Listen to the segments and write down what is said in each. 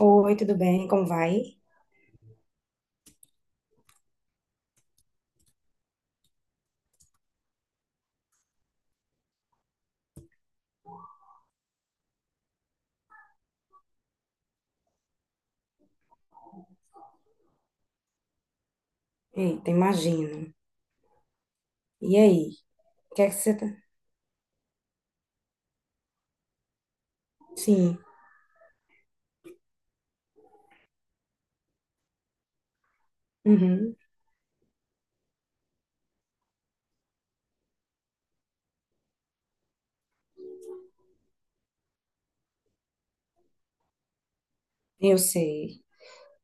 Oi, tudo bem? Como vai? Eita, imagino. E aí? O que é que você tá... Sim, uhum, eu sei.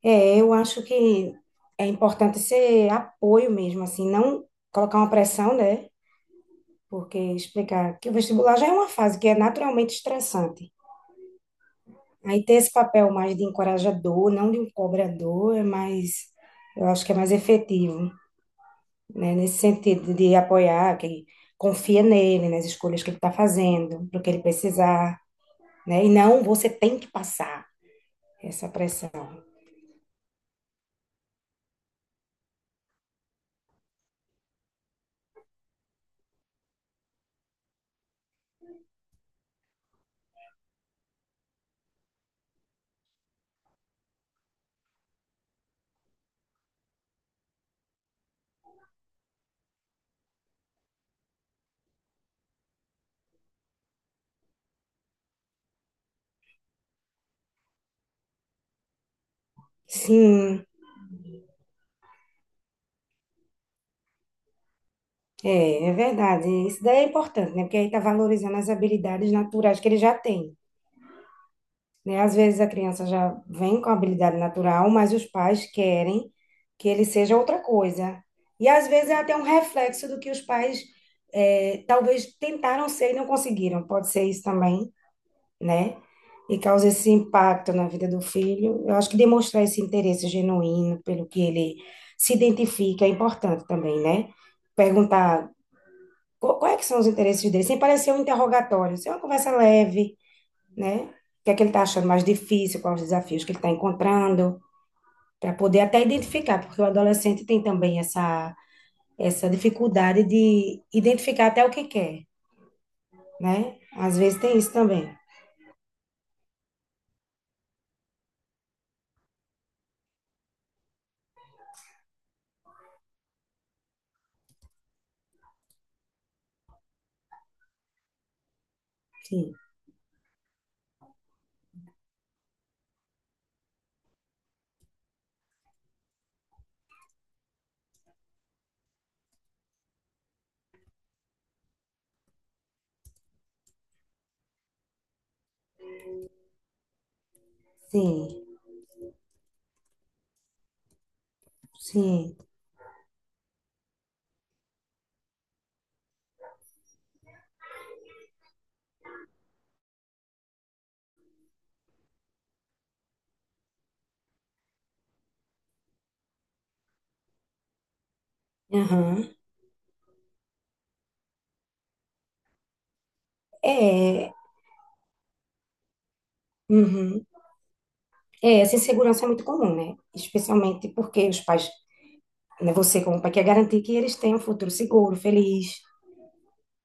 É, eu acho que é importante ser apoio mesmo, assim, não colocar uma pressão, né? Porque explicar que o vestibular já é uma fase que é naturalmente estressante. Aí ter esse papel mais de encorajador, não de um cobrador, eu acho que é mais efetivo, né? Nesse sentido de apoiar, que confia nele, nas escolhas que ele está fazendo, para o que ele precisar. Né? E não, você tem que passar essa pressão. Sim, é, é verdade. Isso daí é importante, né? Porque aí está valorizando as habilidades naturais que ele já tem. Né? Às vezes a criança já vem com habilidade natural, mas os pais querem que ele seja outra coisa. E às vezes é até um reflexo do que os pais talvez tentaram ser e não conseguiram. Pode ser isso também, né? E causa esse impacto na vida do filho. Eu acho que demonstrar esse interesse genuíno pelo que ele se identifica é importante também, né? Perguntar quais é que são os interesses dele, sem parecer um interrogatório, ser uma conversa leve, né? O que é que ele está achando mais difícil, quais os desafios que ele está encontrando, para poder até identificar, porque o adolescente tem também essa dificuldade de identificar até o que quer, né? Às vezes tem isso também. Sim, sim, sim. Aham. É, uhum. É, essa insegurança é muito comum, né? Especialmente porque os pais, né, você como pai quer garantir que eles tenham um futuro seguro, feliz,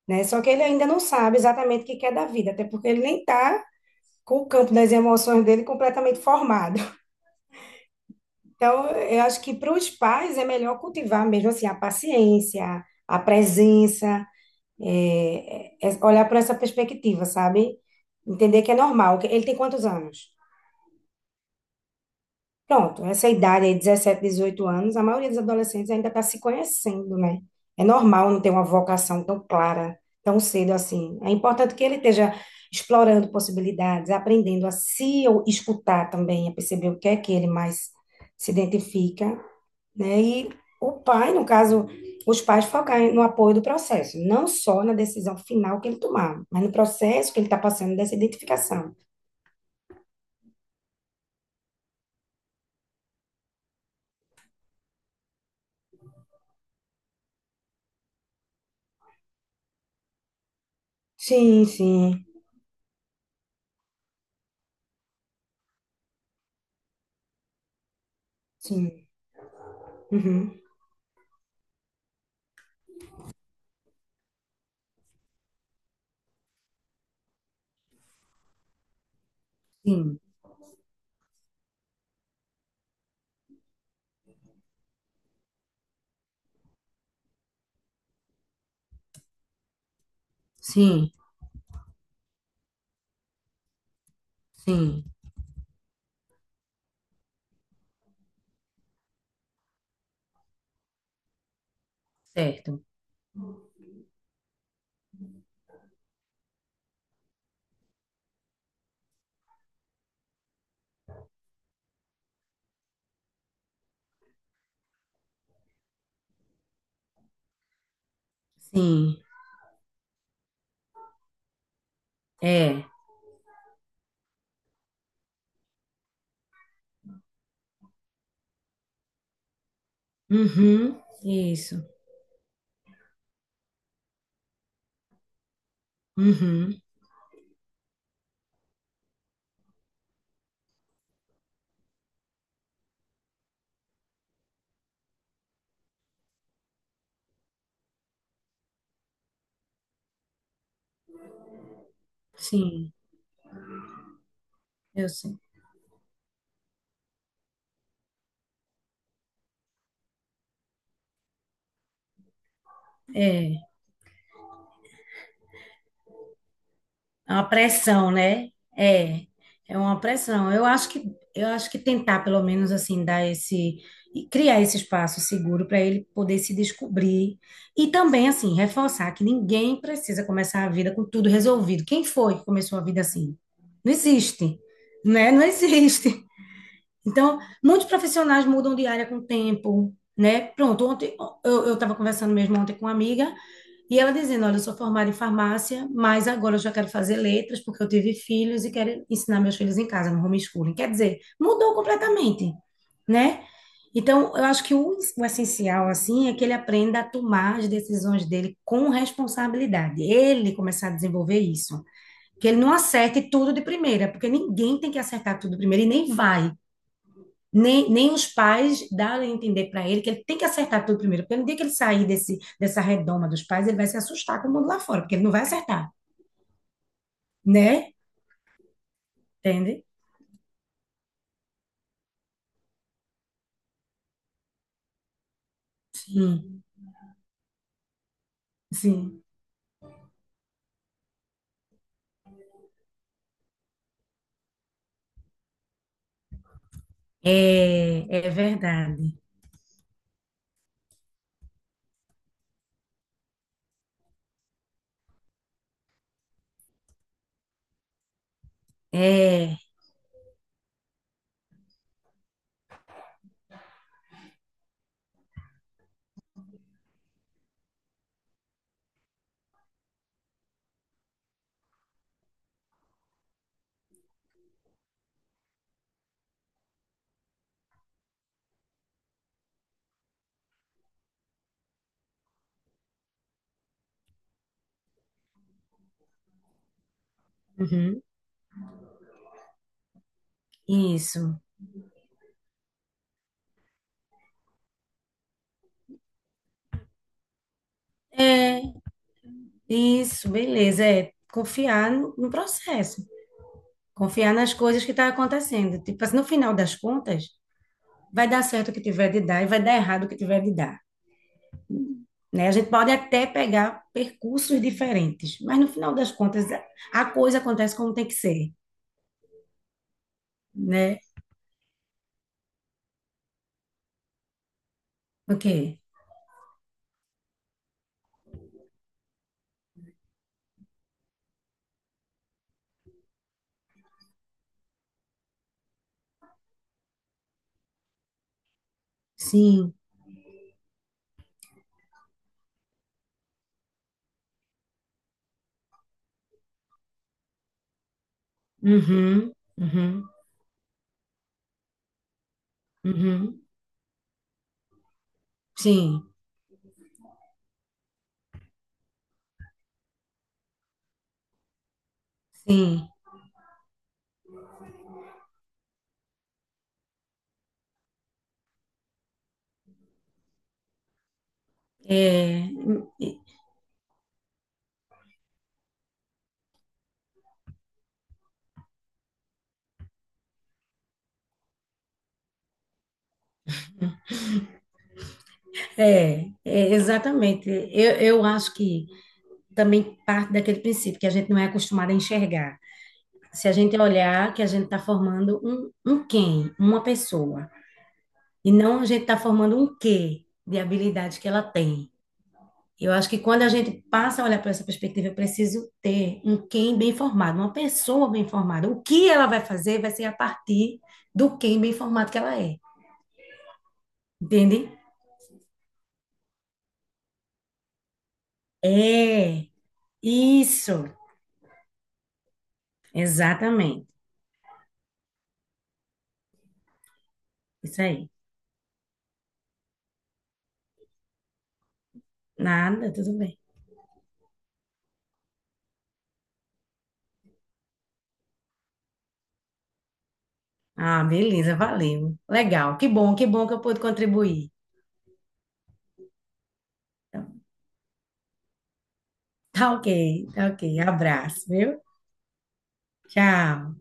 né? Só que ele ainda não sabe exatamente o que quer da vida, até porque ele nem tá com o campo das emoções dele completamente formado. Então, eu acho que para os pais é melhor cultivar mesmo assim a paciência, a presença, olhar por essa perspectiva, sabe? Entender que é normal. Ele tem quantos anos? Pronto, essa idade aí, 17 18 anos, a maioria dos adolescentes ainda está se conhecendo, né? É normal não ter uma vocação tão clara, tão cedo assim. É importante que ele esteja explorando possibilidades, aprendendo a se ou escutar também, a perceber o que é que ele mais se identifica, né? E o pai, no caso, os pais focar no apoio do processo, não só na decisão final que ele tomar, mas no processo que ele está passando dessa identificação. Sim, sim, sim. Uhum. Sim, sim. Sim, certo. Sim. É. Uhum. Isso. Uhum. Sim, eu sei. É. É uma pressão, né? É. É uma pressão. Eu acho que tentar pelo menos assim dar esse e criar esse espaço seguro para ele poder se descobrir e também assim reforçar que ninguém precisa começar a vida com tudo resolvido. Quem foi que começou a vida assim? Não existe, né? Não existe. Então, muitos profissionais mudam de área com o tempo, né? Pronto, ontem eu estava conversando mesmo ontem com uma amiga e ela dizendo, olha, eu sou formada em farmácia, mas agora eu já quero fazer letras porque eu tive filhos e quero ensinar meus filhos em casa, no homeschooling. Quer dizer, mudou completamente, né? Então, eu acho que o essencial, assim, é que ele aprenda a tomar as decisões dele com responsabilidade. Ele começar a desenvolver isso. Que ele não acerte tudo de primeira, porque ninguém tem que acertar tudo primeiro e nem vai nem, nem os pais darem a entender para ele que ele tem que acertar tudo primeiro, porque no dia que ele sair dessa redoma dos pais, ele vai se assustar com o mundo lá fora, porque ele não vai acertar, né? Entende? Sim, sim. É, é verdade. É, uhum, isso. É, isso, beleza. É confiar no processo, confiar nas coisas que estão acontecendo. Tipo assim, no final das contas, vai dar certo o que tiver de dar e vai dar errado o que tiver de dar. Né? A gente pode até pegar percursos diferentes, mas no final das contas a coisa acontece como tem que ser, né? Ok, sim, uhum, uhum, uhum, sim, sim, é, exatamente. Eu acho que também parte daquele princípio que a gente não é acostumado a enxergar. Se a gente olhar que a gente está formando um quem, uma pessoa, e não a gente está formando um quê de habilidades que ela tem. Eu acho que quando a gente passa a olhar para essa perspectiva, eu preciso ter um quem bem formado, uma pessoa bem formada. O que ela vai fazer vai ser a partir do quem bem formado que ela é. Entende? É, isso, exatamente. Isso aí. Nada, tudo bem. Ah, beleza, valeu. Legal, que bom, que bom que eu pude contribuir. Então, tá ok, tá ok. Abraço, viu? Tchau.